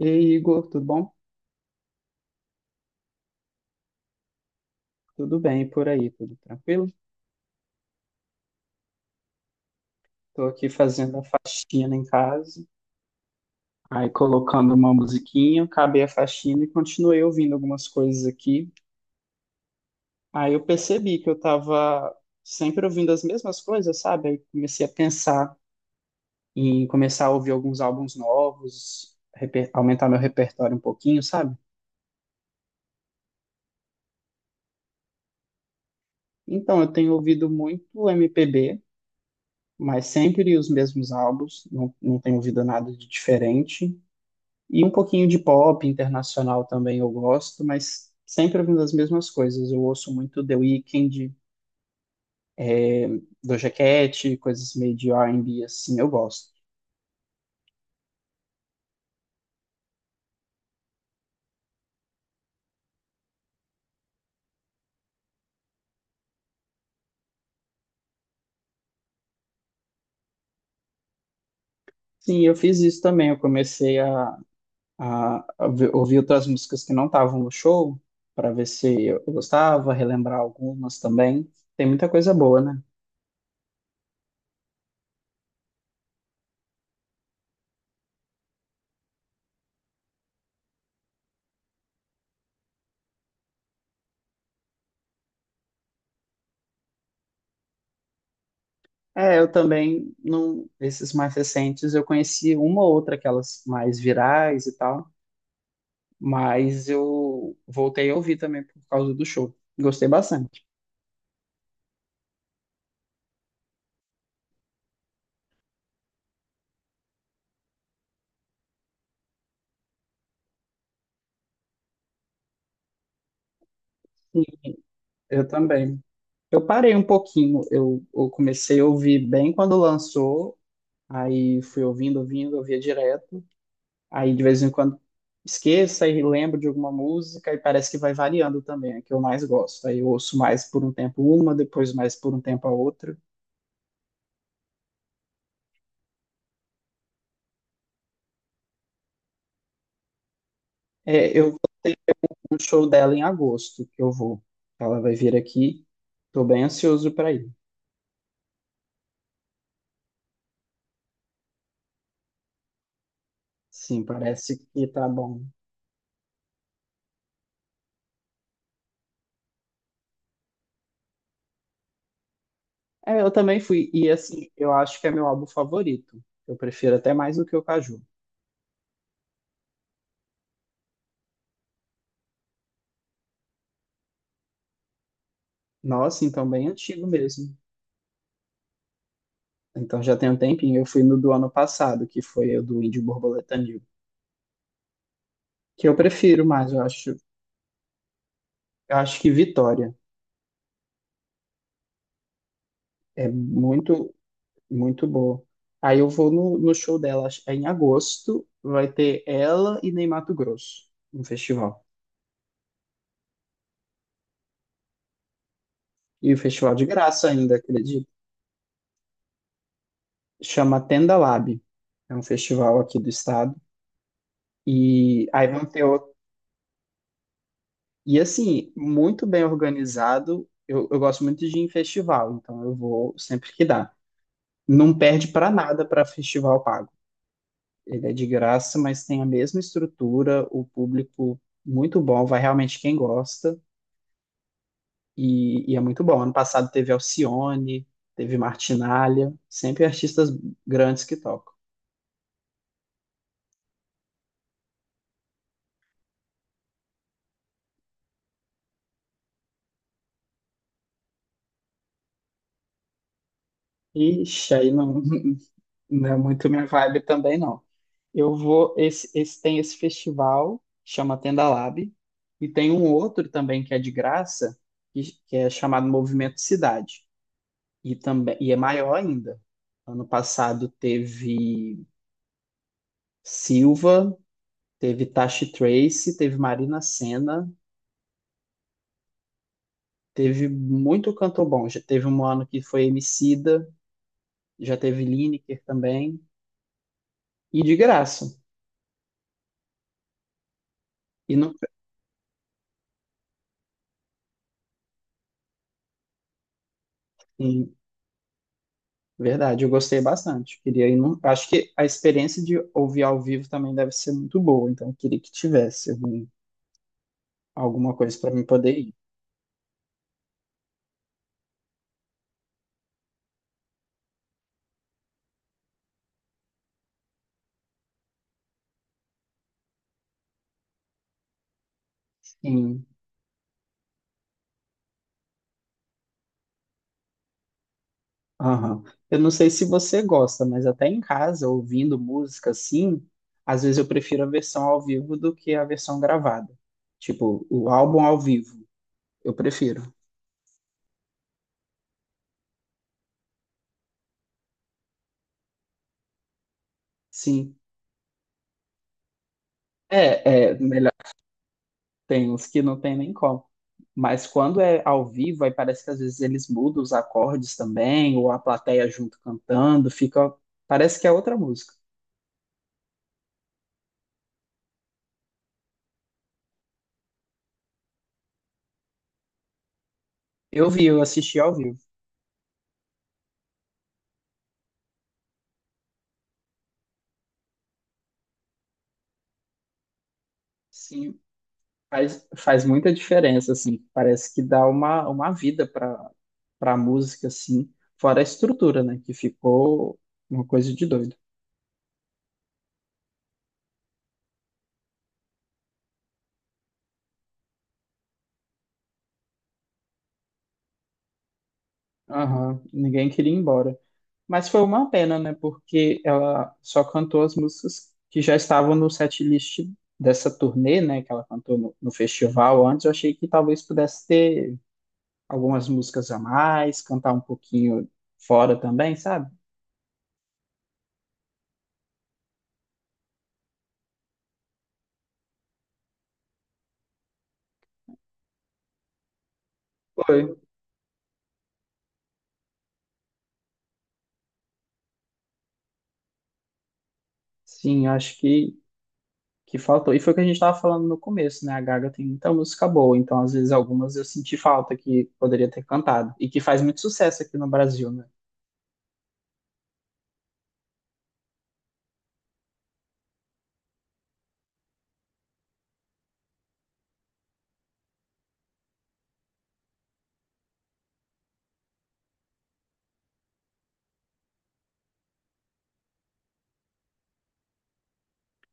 E aí, Igor, tudo bom? Tudo bem por aí, tudo tranquilo? Tô aqui fazendo a faxina em casa, aí colocando uma musiquinha, acabei a faxina e continuei ouvindo algumas coisas aqui. Aí eu percebi que eu tava sempre ouvindo as mesmas coisas, sabe? Aí comecei a pensar em começar a ouvir alguns álbuns novos, aumentar meu repertório um pouquinho, sabe? Então, eu tenho ouvido muito MPB, mas sempre os mesmos álbuns, não tenho ouvido nada de diferente. E um pouquinho de pop internacional também eu gosto, mas sempre ouvindo as mesmas coisas. Eu ouço muito The Weeknd, eh, Doja Cat, coisas meio de R&B, assim, eu gosto. Sim, eu fiz isso também. Eu comecei a ouvir outras músicas que não estavam no show, para ver se eu gostava, relembrar algumas também. Tem muita coisa boa, né? É, eu também, não, esses mais recentes, eu conheci uma ou outra, aquelas mais virais e tal, mas eu voltei a ouvir também por causa do show. Gostei bastante. Sim, eu também. Eu parei um pouquinho, eu comecei a ouvir bem quando lançou, aí fui ouvindo, ouvindo, ouvia direto. Aí de vez em quando esqueço e lembro de alguma música e parece que vai variando também, é que eu mais gosto. Aí eu ouço mais por um tempo uma, depois mais por um tempo a outra. É, eu tenho um show dela em agosto que eu vou. Ela vai vir aqui. Tô bem ansioso para ir. Sim, parece que tá bom. É, eu também fui. E assim, eu acho que é meu álbum favorito. Eu prefiro até mais do que o Caju. Nossa, então bem antigo mesmo. Então já tem um tempinho. Eu fui no do ano passado, que foi o do Índio Borboleta New. Que eu prefiro mais, eu acho. Eu acho que Vitória é muito, muito boa. Aí eu vou no show dela, é em agosto. Vai ter ela e Ney Mato Grosso no festival. E o festival de graça ainda, acredito. Chama Tenda Lab. É um festival aqui do estado. E aí vão ter outro. E assim, muito bem organizado. Eu gosto muito de ir em festival, então eu vou sempre que dá. Não perde para nada para festival pago. Ele é de graça, mas tem a mesma estrutura, o público muito bom, vai realmente quem gosta. E é muito bom. Ano passado teve Alcione, teve Martinália, sempre artistas grandes que tocam. Ixi, aí não. Não é muito minha vibe também, não. Eu vou. Esse tem esse festival, chama Tenda Lab, e tem um outro também que é de graça, que é chamado Movimento Cidade. E também e é maior ainda. Ano passado teve Silva, teve Tashi Trace, teve Marina Senna, teve muito cantor bom. Já teve um ano que foi Emicida, já teve Lineker também, e de graça. E não, verdade, eu gostei bastante. Acho que a experiência de ouvir ao vivo também deve ser muito boa, então eu queria que tivesse alguma coisa para mim poder ir. Sim. Aham. Eu não sei se você gosta, mas até em casa, ouvindo música assim, às vezes eu prefiro a versão ao vivo do que a versão gravada. Tipo, o álbum ao vivo, eu prefiro. Sim. É, é, tem uns que não tem nem como. Mas quando é ao vivo, aí parece que às vezes eles mudam os acordes também, ou a plateia junto cantando, fica. Parece que é outra música. Eu vi, eu assisti ao vivo. Sim, faz muita diferença, assim. Parece que dá uma vida para para a música, assim. Fora a estrutura, né? Que ficou uma coisa de doido. Aham, ninguém queria ir embora. Mas foi uma pena, né? Porque ela só cantou as músicas que já estavam no setlist dessa turnê, né? Que ela cantou no festival antes. Eu achei que talvez pudesse ter algumas músicas a mais, cantar um pouquinho fora também, sabe? Foi. Sim, que faltou. E foi o que a gente estava falando no começo, né? A Gaga tem muita música boa, então às vezes algumas eu senti falta que poderia ter cantado. E que faz muito sucesso aqui no Brasil, né?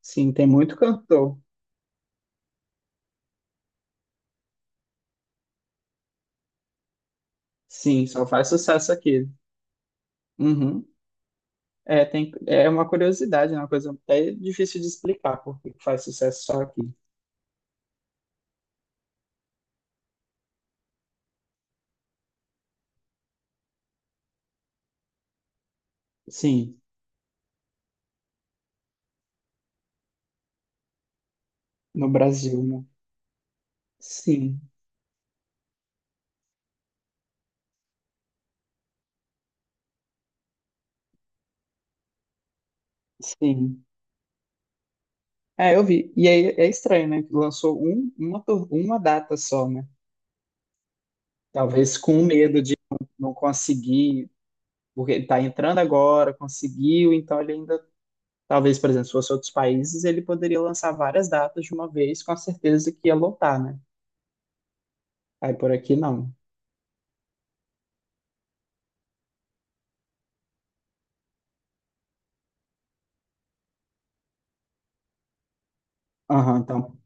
Sim, tem muito cantor. Sim, só faz sucesso aqui. Uhum. É, tem, é uma curiosidade, né? Uma coisa até difícil de explicar porque faz sucesso só aqui. Sim, no Brasil, né? Sim, sim. É, eu vi. E aí é estranho, né? Que lançou um, uma, uma data só, né? Talvez com medo de não conseguir, porque ele está entrando agora, conseguiu, então ele ainda. Talvez, por exemplo, se fosse outros países, ele poderia lançar várias datas de uma vez, com a certeza que ia lotar, né? Aí por aqui não. Aham, então,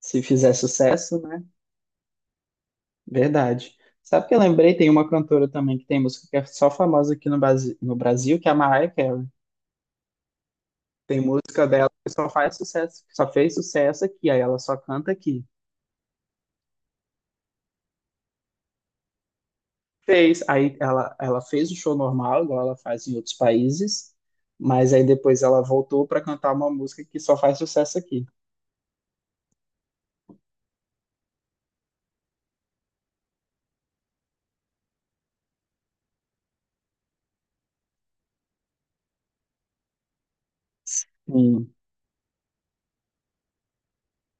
se fizer sucesso, né? Verdade. Sabe que eu lembrei? Tem uma cantora também que tem música que é só famosa aqui no Brasil, no Brasil, que é a Mariah Carey. Tem música dela que só faz sucesso, só fez sucesso aqui, aí ela só canta aqui. Fez, aí ela fez o show normal, igual ela faz em outros países, mas aí depois ela voltou para cantar uma música que só faz sucesso aqui. Sim.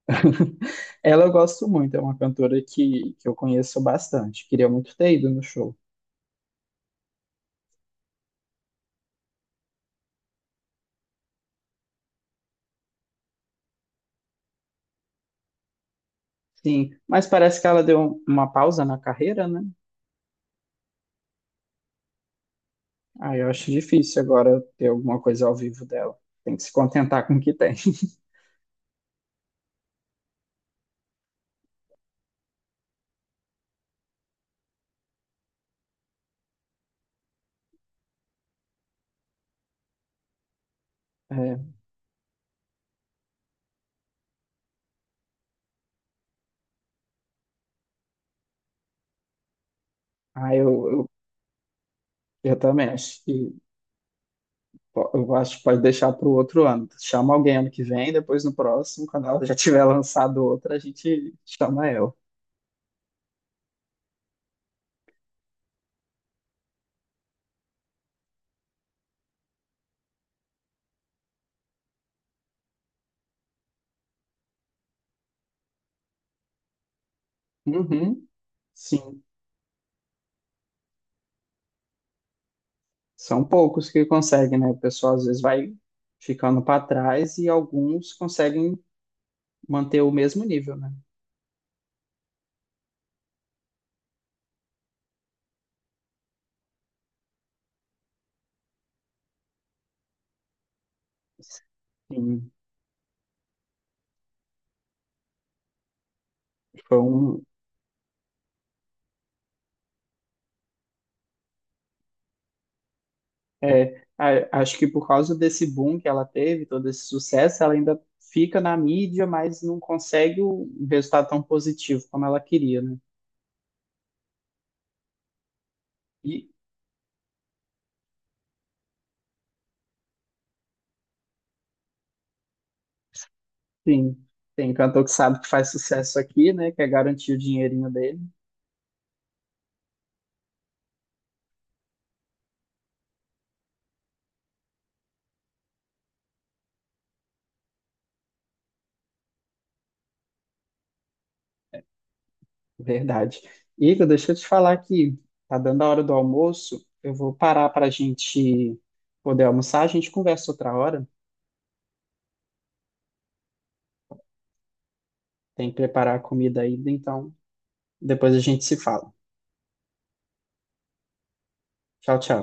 Ela eu gosto muito, é uma cantora que eu conheço bastante. Queria muito ter ido no show. Sim, mas parece que ela deu uma pausa na carreira, né? Ah, eu acho difícil agora ter alguma coisa ao vivo dela. Tem que se contentar com o que tem. É, ah, eu também acho que eu acho que pode deixar para o outro ano. Chama alguém ano que vem, depois no próximo, quando ela já tiver lançado outra, a gente chama ela. Uhum, sim. São poucos que conseguem, né? O pessoal às vezes vai ficando para trás e alguns conseguem manter o mesmo nível, né? Sim, foi um. É, acho que por causa desse boom que ela teve, todo esse sucesso, ela ainda fica na mídia, mas não consegue o resultado tão positivo como ela queria, né? E, sim, tem cantor que sabe que faz sucesso aqui, né? Quer garantir o dinheirinho dele. Verdade. Igor, deixa eu te falar que tá dando a hora do almoço. Eu vou parar para a gente poder almoçar. A gente conversa outra hora. Tem que preparar a comida ainda, então depois a gente se fala. Tchau, tchau.